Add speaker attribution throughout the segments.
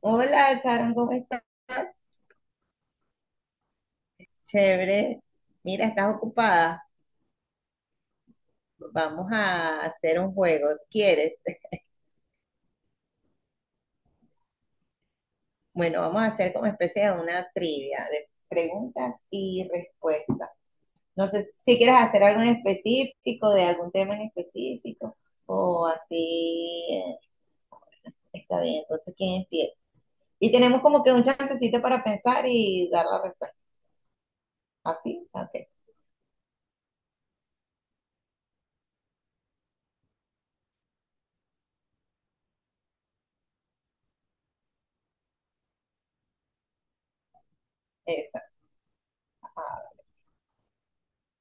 Speaker 1: Hola, Sharon, ¿cómo estás? Chévere. Mira, estás ocupada. Vamos a hacer un juego. ¿Quieres? Bueno, vamos a hacer como especie de una trivia de preguntas y respuestas. No sé si quieres hacer algo en específico, de algún tema en específico, o así. Está bien, entonces, ¿quién empieza? Y tenemos como que un chancecito para pensar y dar la respuesta. ¿Así? Ok. Exacto.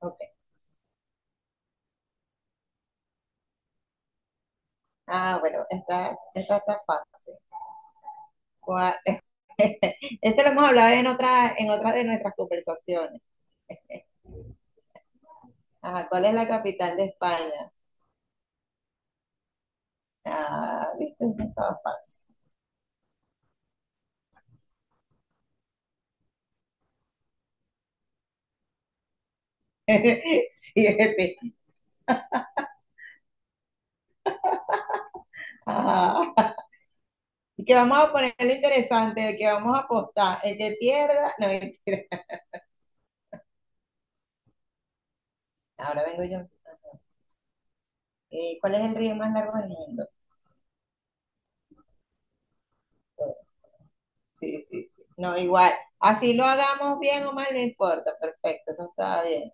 Speaker 1: Ok. Ah, bueno, esta está fácil. ¿Cuál- Eso lo hemos hablado en otra de nuestras conversaciones. Ajá, ¿cuál es la capital de España? Ah, viste, no estaba fácil. Siete. Ah, y que vamos a ponerle interesante, el que vamos a apostar, el que pierda, no mentira. Ahora vengo yo. Ajá. ¿Cuál es el río más largo del mundo? Sí, sí, sí. No, igual. Así lo hagamos bien o mal, no importa. Perfecto, eso está bien.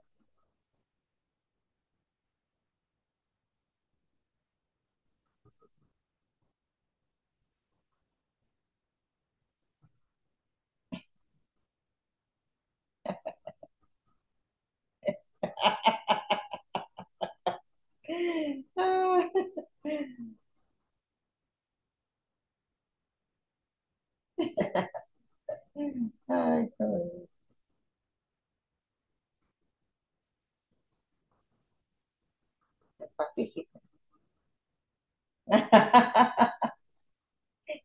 Speaker 1: Ah, ay, qué bonito. Pacífico.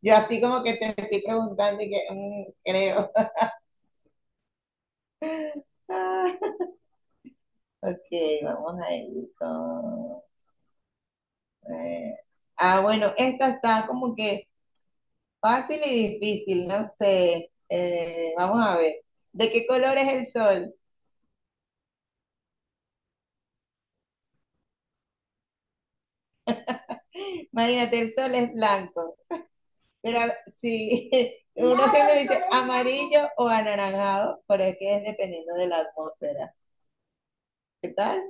Speaker 1: Yo así como que te estoy preguntando y que creo. Ah, ok, vamos a ir con, eh, ah, bueno, esta está como que fácil y difícil, no sé. Vamos a ver. ¿De qué color es el sol? Imagínate, el sol es blanco, pero si uno siempre dice amarillo o anaranjado, pero es que es dependiendo de la atmósfera. ¿Qué tal?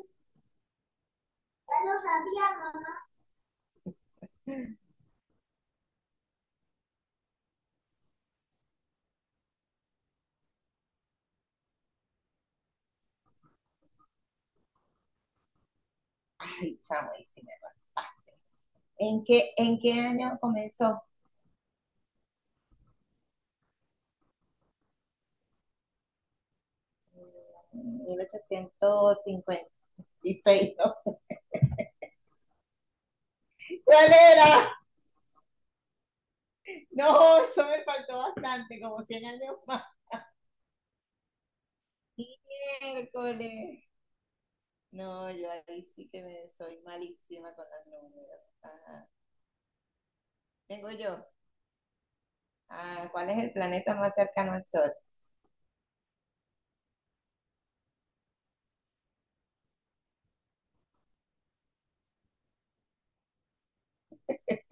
Speaker 1: Ay, chamo, ahí sí me va. ¿En qué año comenzó? 1856, no sé. ¿Cuál era? No, eso me faltó bastante, como 100 años más. Miércoles. No, yo ahí sí que me, soy malísima con los números. Ajá. Tengo yo. Ah, ¿cuál es el planeta más cercano al Sol?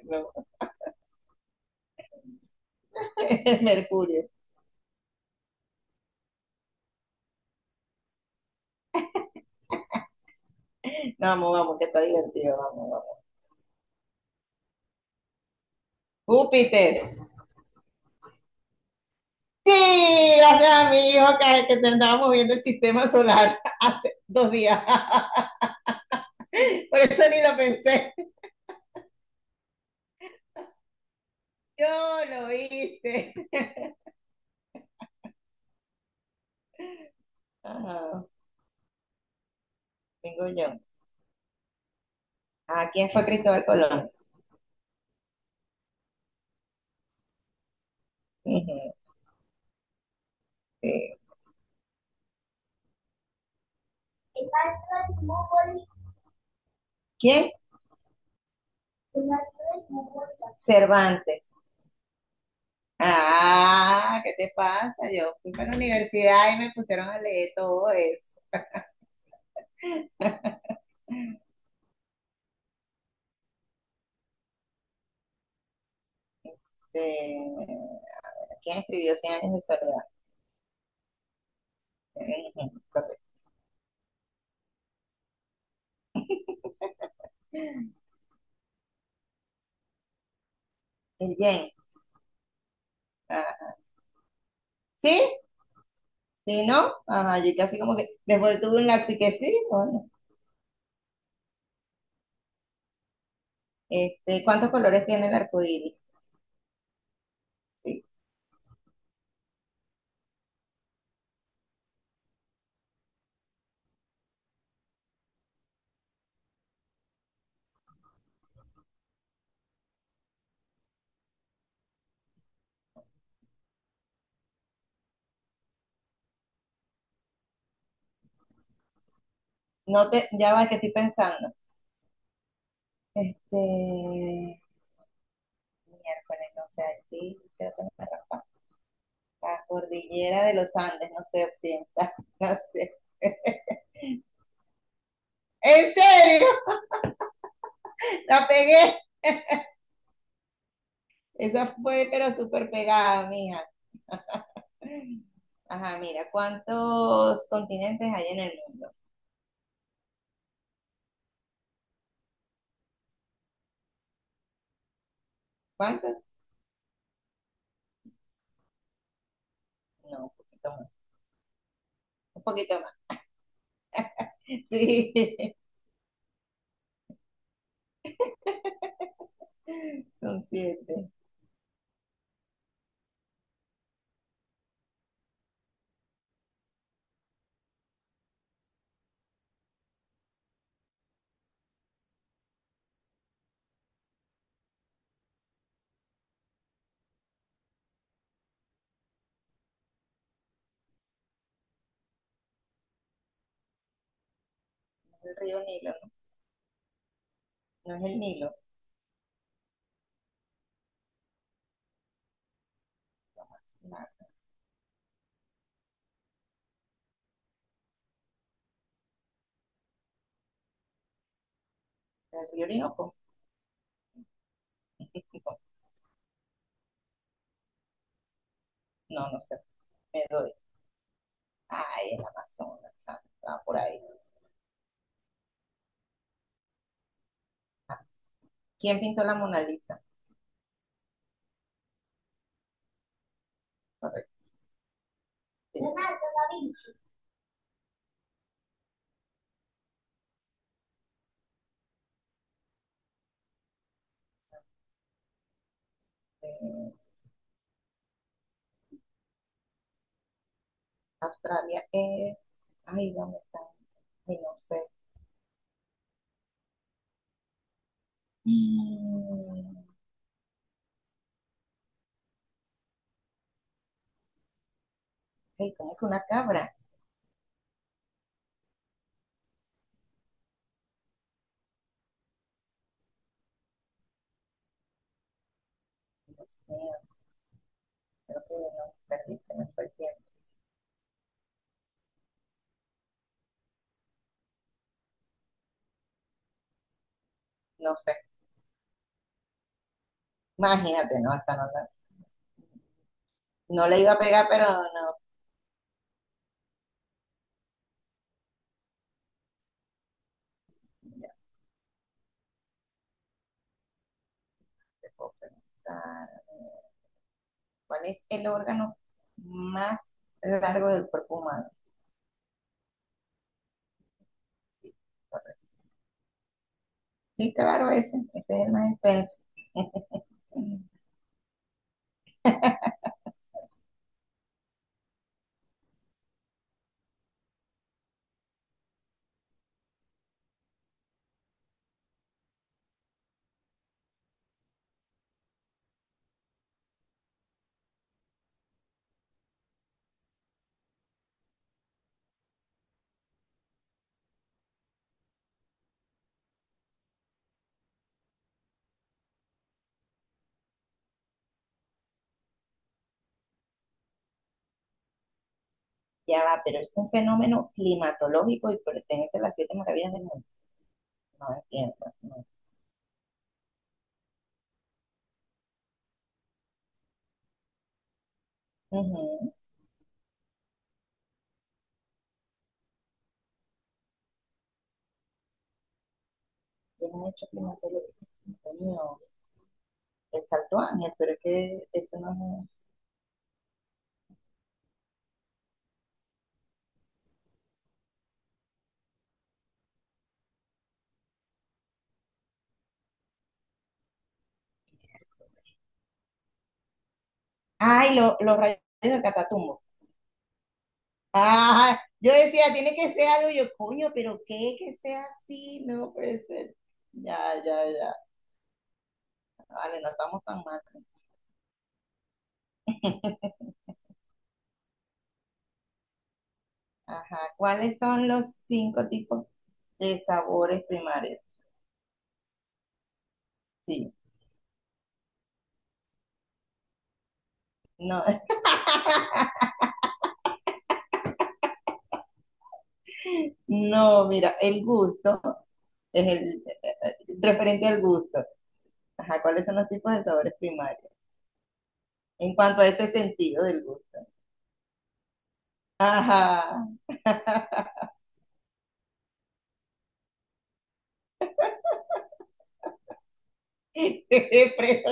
Speaker 1: No. El Mercurio. No, vamos, vamos, que está divertido, vamos, vamos. Júpiter. Sí, gracias a mi hijo que te andábamos viendo el sistema solar hace 2 días. Por eso ni lo pensé. Yo lo hice. Ajá, tengo yo. Ah, ¿quién fue Cristóbal Colón? Ujú, sí. ¿Quién? Cervantes. Ah, ¿qué te pasa? Yo fui para la universidad y me pusieron a leer todo eso. Este, ¿quién escribió Cien años de soledad? Ujú, correcto. El yen. ¿Sí? ¿Sí, no? Ajá, yo casi como que después tuve un lapso y que sí, bueno. Este, ¿cuántos colores tiene el arco iris? Sí. No te, ya va, que estoy pensando. Este, miércoles, no sé, sí, creo que no me raspa. La cordillera de los Andes, no sé, occidental, no sé. ¿En serio? La pegué. Esa fue, pero súper pegada, mija. Ajá, mira, ¿cuántos continentes hay en el mundo? ¿Cuántos? No, un poquito más. Un poquito más. Sí, son siete. El río Nilo, ¿no? No es el Nilo. No, el río Orinoco. No, no sé. Me doy. Ay, el Amazonas, chamo. Estaba por ahí. Ah, ¿quién pintó la Mona Lisa? Correcto. Sí. Eh, Australia es. Ay, ¿dónde está? Ay, no sé. Mm, ay, ¿cómo que una cabra? Dios mío. Creo que no perdí, se me fue el tiempo. No sé, imagínate, no, esa no la, no le iba a pegar, pero no, ya te puedo preguntar. ¿Cuál es el órgano más largo del cuerpo humano? Correcto. Sí, claro, ese es el más intenso. Ya va, pero es un fenómeno climatológico y pertenece a las siete maravillas del mundo. No entiendo. No. Ujú. Tiene un hecho climatológico. Coño, el Salto Ángel, pero es que eso no. Ay, los rayos del Catatumbo. Ah, yo decía, tiene que ser algo, yo, coño, pero qué que sea así, no puede ser. Ya, ya, ya. Vale, no estamos tan mal. Ajá, ¿cuáles son los cinco tipos de sabores primarios? Sí, no, no, mira, el gusto es el referente al gusto. Ajá, ¿cuáles son los tipos de sabores primarios? En cuanto a ese sentido del gusto. Ajá, preso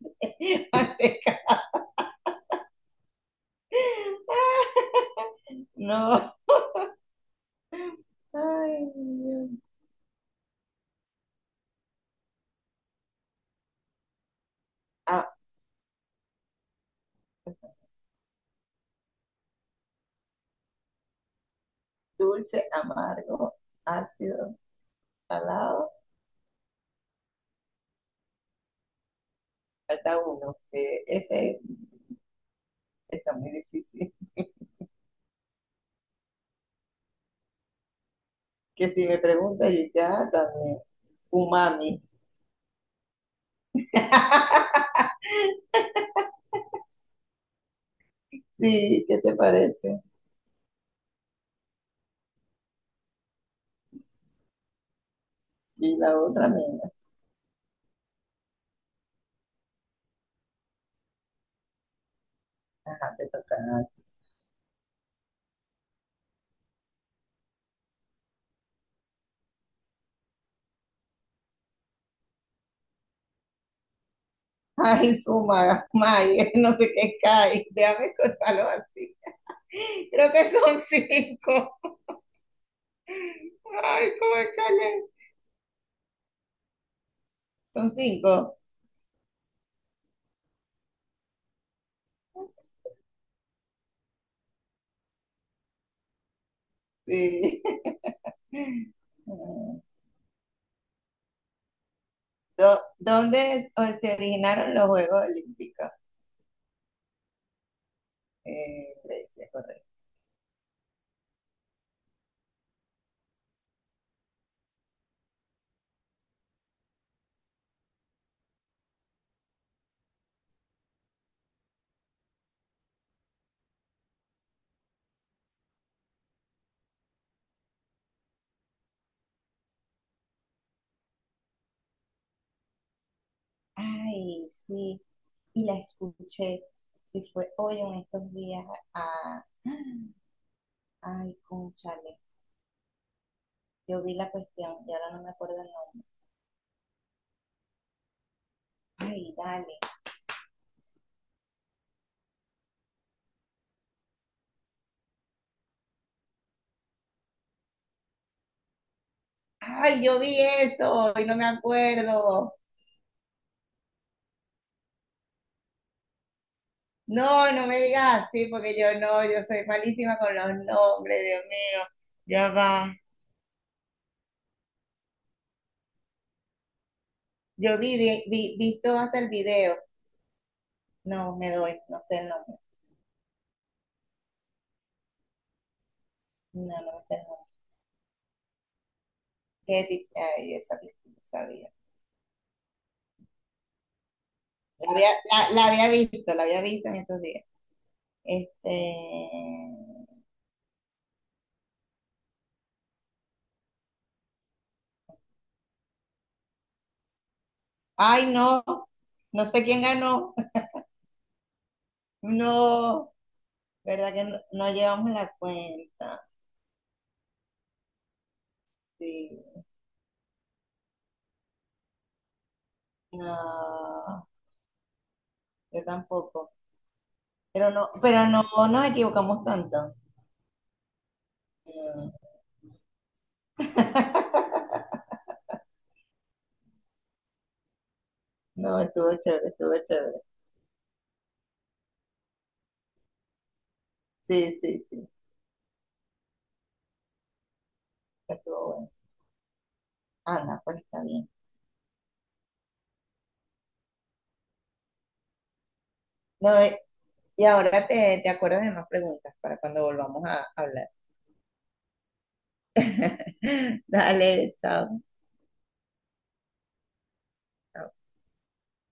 Speaker 1: yo. No. Ay, Dios. Ah, dulce, amargo, ácido, salado. Falta uno, que ese está muy difícil. Que si me preguntas, yo ya también. Umami. Sí, ¿qué te parece? Y la otra mía. Deja tocar. Ay, suma, may, no sé qué cae. Déjame contarlo así. Creo que son cinco. Ay, cómo chale. Son cinco. Sí. ¿Dónde se originaron los Juegos Olímpicos? Grecia, correcto. Ay, sí. Y la escuché. Sí, fue hoy en estos días a. Ay, cónchale. Yo vi la cuestión y ahora no me acuerdo el nombre. Ay, dale. Ay, yo vi eso y no me acuerdo. No, no me digas así porque yo no, yo soy malísima con los nombres, Dios mío. Ya va. Yo vi todo hasta el video. No, me doy, no sé el nombre. No, no sé el nombre. Qué ay, esa película, no sabía. La había, la había visto, la había visto en estos días. Este. Ay, no, no sé quién ganó. No, verdad que no, no llevamos la cuenta. Sí, no, yo tampoco. Pero no nos equivocamos tanto. No, no, estuvo chévere, estuvo chévere. Sí, sí, sí, estuvo bueno. Ana, pues está bien. No, y ahora te acuerdas de más preguntas para cuando volvamos a hablar. Dale, chao. Chao.